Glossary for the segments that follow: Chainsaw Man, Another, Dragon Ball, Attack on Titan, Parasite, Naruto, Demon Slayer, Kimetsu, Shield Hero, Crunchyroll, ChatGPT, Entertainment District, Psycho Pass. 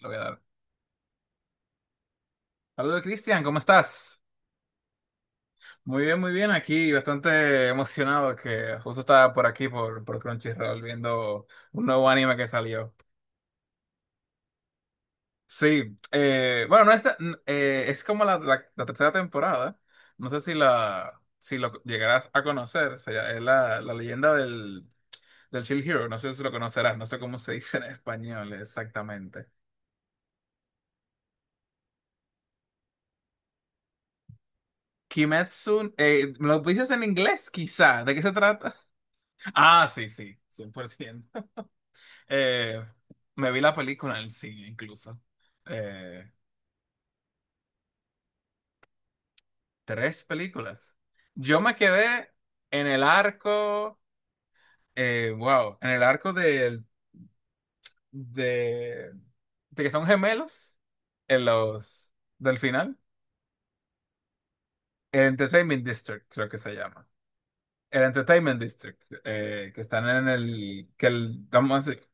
Lo voy a dar. Saludos, Cristian, ¿cómo estás? Muy bien, aquí bastante emocionado que justo estaba por aquí, por Crunchyroll, viendo un nuevo anime que salió. Sí, bueno, no es, ta- n- es como la tercera temporada, no sé si la si lo llegarás a conocer, o sea, es la leyenda del Shield Hero, no sé si lo conocerás, no sé cómo se dice en español exactamente. Kimetsu, ¿me lo dices en inglés quizá? ¿De qué se trata? Ah, sí, sí, 100%. Eh, Me vi la película en el cine, incluso. Eh, Tres películas. Yo me quedé en el arco, wow, en el arco de, de que son gemelos, en los del final. El Entertainment District, creo que se llama. El Entertainment District, que están en el, que el, vamos a decir,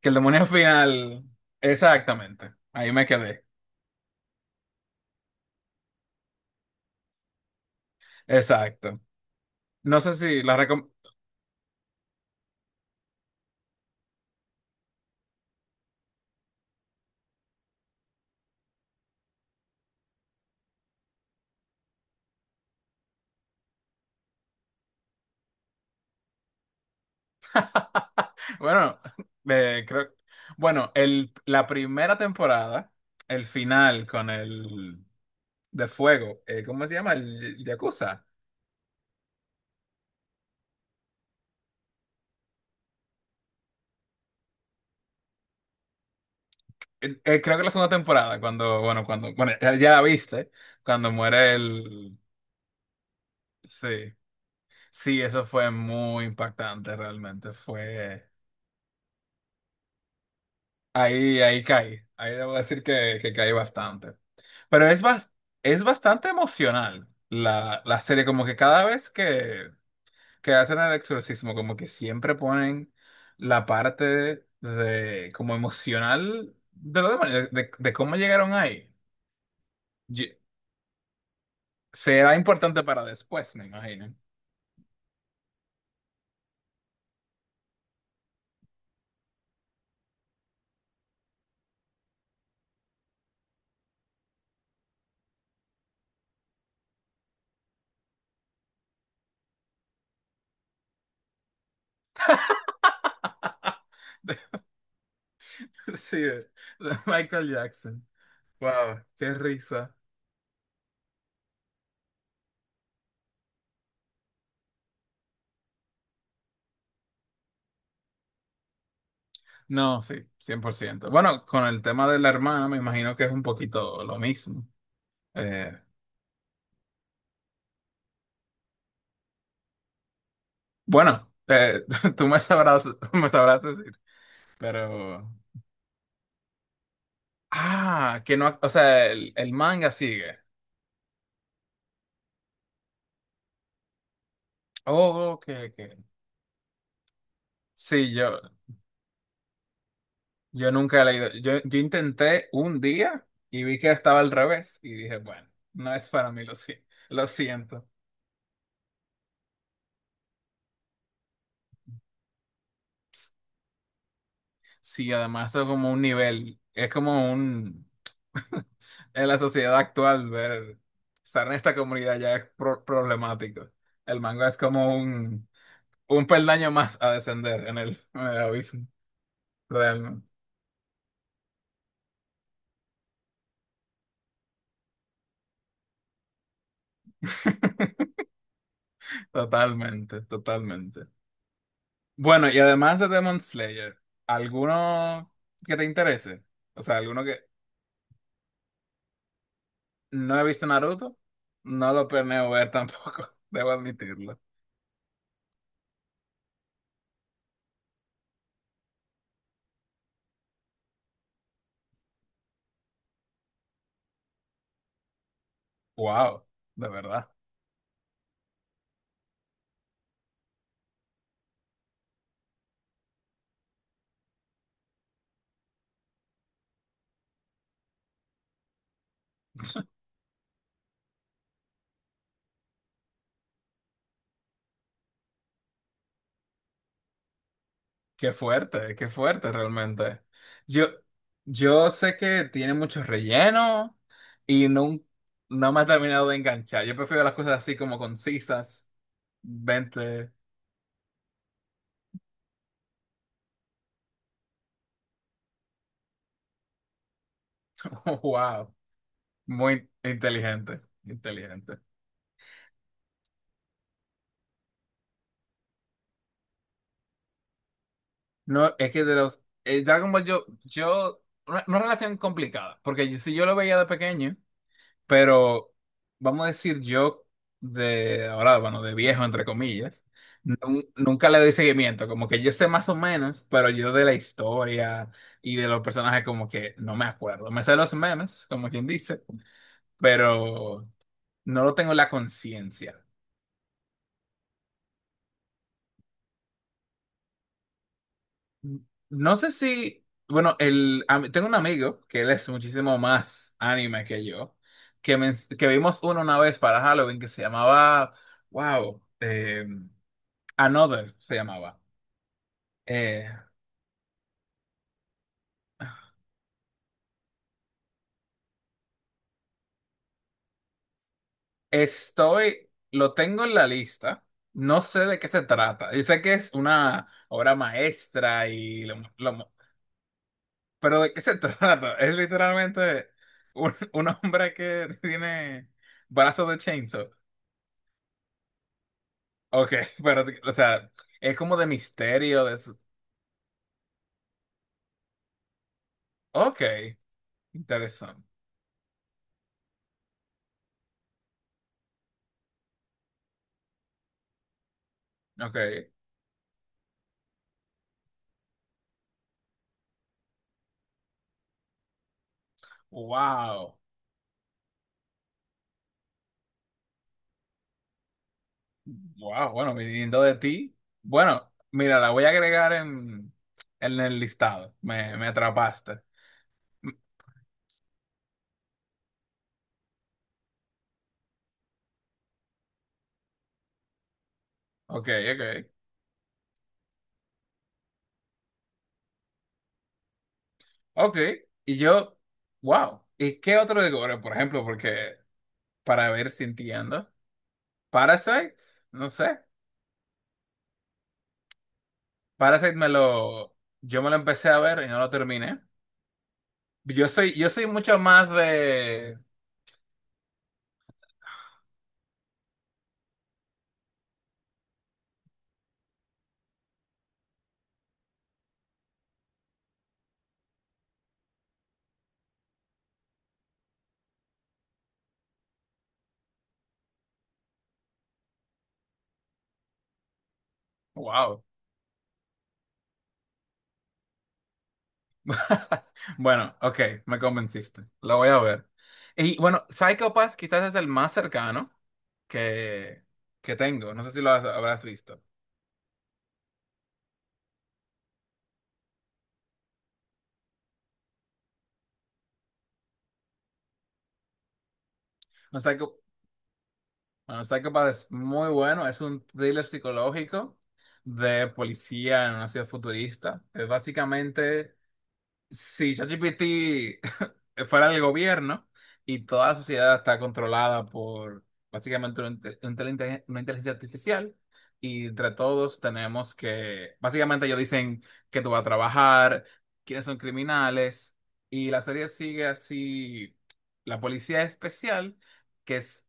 que el demonio final, exactamente. Ahí me quedé. Exacto. No sé si la recom- Bueno, eh, creo, bueno, la primera temporada, el final con el de fuego, ¿cómo se llama? El Yakuza. Creo que la segunda temporada, cuando, bueno, ya la viste, cuando muere el, sí, sí, eso fue muy impactante realmente, fue, ahí caí, ahí debo decir que caí bastante. Pero es, bas- es bastante emocional la serie, como que cada vez que hacen el exorcismo, como que siempre ponen la parte de, como emocional de los demonios, de cómo llegaron ahí. Ye- Será importante para después, me imagino. Sí, de Michael Jackson. Wow, qué risa. No, sí, cien por ciento. Bueno, con el tema de la hermana, me imagino que es un poquito lo mismo. Eh, bueno, tú me sabrás decir, pero... Ah, que no, o sea, el manga sigue. Oh, que Sí, yo nunca he leído. Yo intenté un día y vi que estaba al revés y dije, bueno, no es para mí, lo, si- lo siento. Sí, además eso es como un nivel, es como un... En la sociedad actual, ver, estar en esta comunidad ya es problemático. El manga es como un peldaño más a descender en en el abismo. Realmente. Totalmente, totalmente. Bueno, y además de Demon Slayer, ¿alguno que te interese? O sea, alguno que no he visto Naruto, no lo planeo ver tampoco, debo admitirlo. Wow, de verdad. Qué fuerte realmente. Yo, yo sé que tiene mucho relleno y no me ha terminado de enganchar. Yo prefiero las cosas así como concisas, 20. Wow, muy inteligente, inteligente. No, es que de los Dragon Ball una relación complicada, porque yo, si yo lo veía de pequeño, pero vamos a decir yo de ahora, bueno, de viejo entre comillas, nunca le doy seguimiento, como que yo sé más o menos, pero yo de la historia y de los personajes como que no me acuerdo. Me sé los memes, como quien dice, pero no lo tengo en la conciencia. No sé si, bueno, a mí, tengo un amigo que él es muchísimo más anime que yo, que, que vimos uno una vez para Halloween que se llamaba, wow, Another se llamaba. Eh, Estoy, lo tengo en la lista, no sé de qué se trata. Yo sé que es una obra maestra y pero ¿de qué se trata? Es literalmente un hombre que tiene brazos de chainsaw. Ok, pero, o sea, es como de misterio, de eso. Ok, interesante. Ok, wow. Wow, bueno, viniendo de ti. Bueno, mira, la voy a agregar en el listado. Me atrapaste. Mm. Ok, ok, ok. Y yo, wow. ¿Y qué otro de gore, por ejemplo? Porque para ver si entiendo. Parasite, no sé. Parasite me lo, yo me lo empecé a ver y no lo terminé. Yo soy mucho más de wow. Bueno, ok, me convenciste. Lo voy a ver. Y bueno, Psycho Pass quizás es el más cercano que, que tengo. No sé si lo habrás visto. No, Psycho, bueno, Psycho Pass es muy bueno. Es un thriller psicológico de policía en una ciudad futurista. Es básicamente si ChatGPT fuera el gobierno y toda la sociedad está controlada por básicamente una inteligencia artificial y entre todos tenemos que, básicamente ellos dicen que tú vas a trabajar, quiénes son criminales y la serie sigue así, la policía especial, que es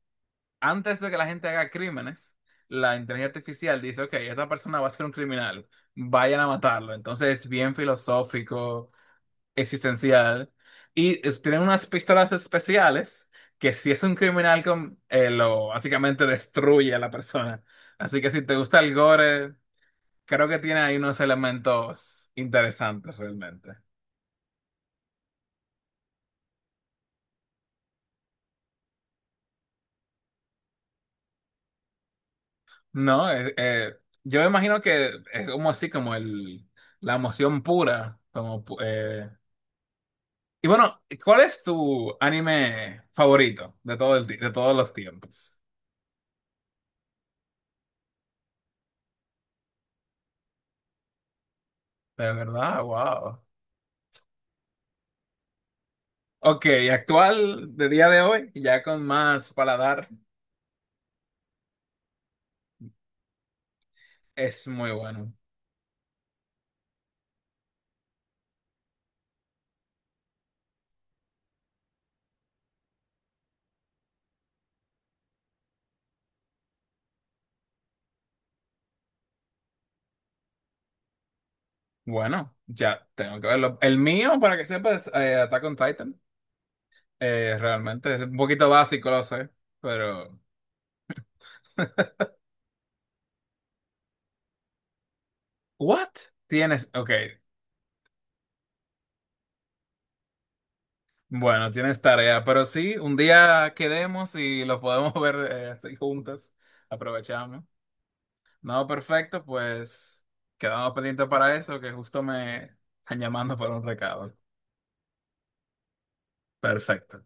antes de que la gente haga crímenes, la inteligencia artificial dice, ok, esta persona va a ser un criminal, vayan a matarlo, entonces es bien filosófico existencial. Tienen unas pistolas especiales que si es un criminal con, lo básicamente destruye a la persona. Así que si te gusta el gore, creo que tiene ahí unos elementos interesantes realmente. No. Yo imagino que es como así, como la emoción pura. Como, Y bueno, ¿cuál es tu anime favorito de todo de todos los tiempos? De verdad, wow. Ok, actual de día de hoy, ya con más paladar, es muy bueno. Bueno, ya tengo que verlo. El mío, para que sepas, Attack on Titan. Realmente es un poquito básico, lo sé, pero... ¿What? Tienes, ok, bueno, tienes tarea, pero sí, un día quedemos y lo podemos ver así juntas, aprovechamos. No, perfecto, pues quedamos pendientes para eso, que justo me están llamando para un recado. Perfecto.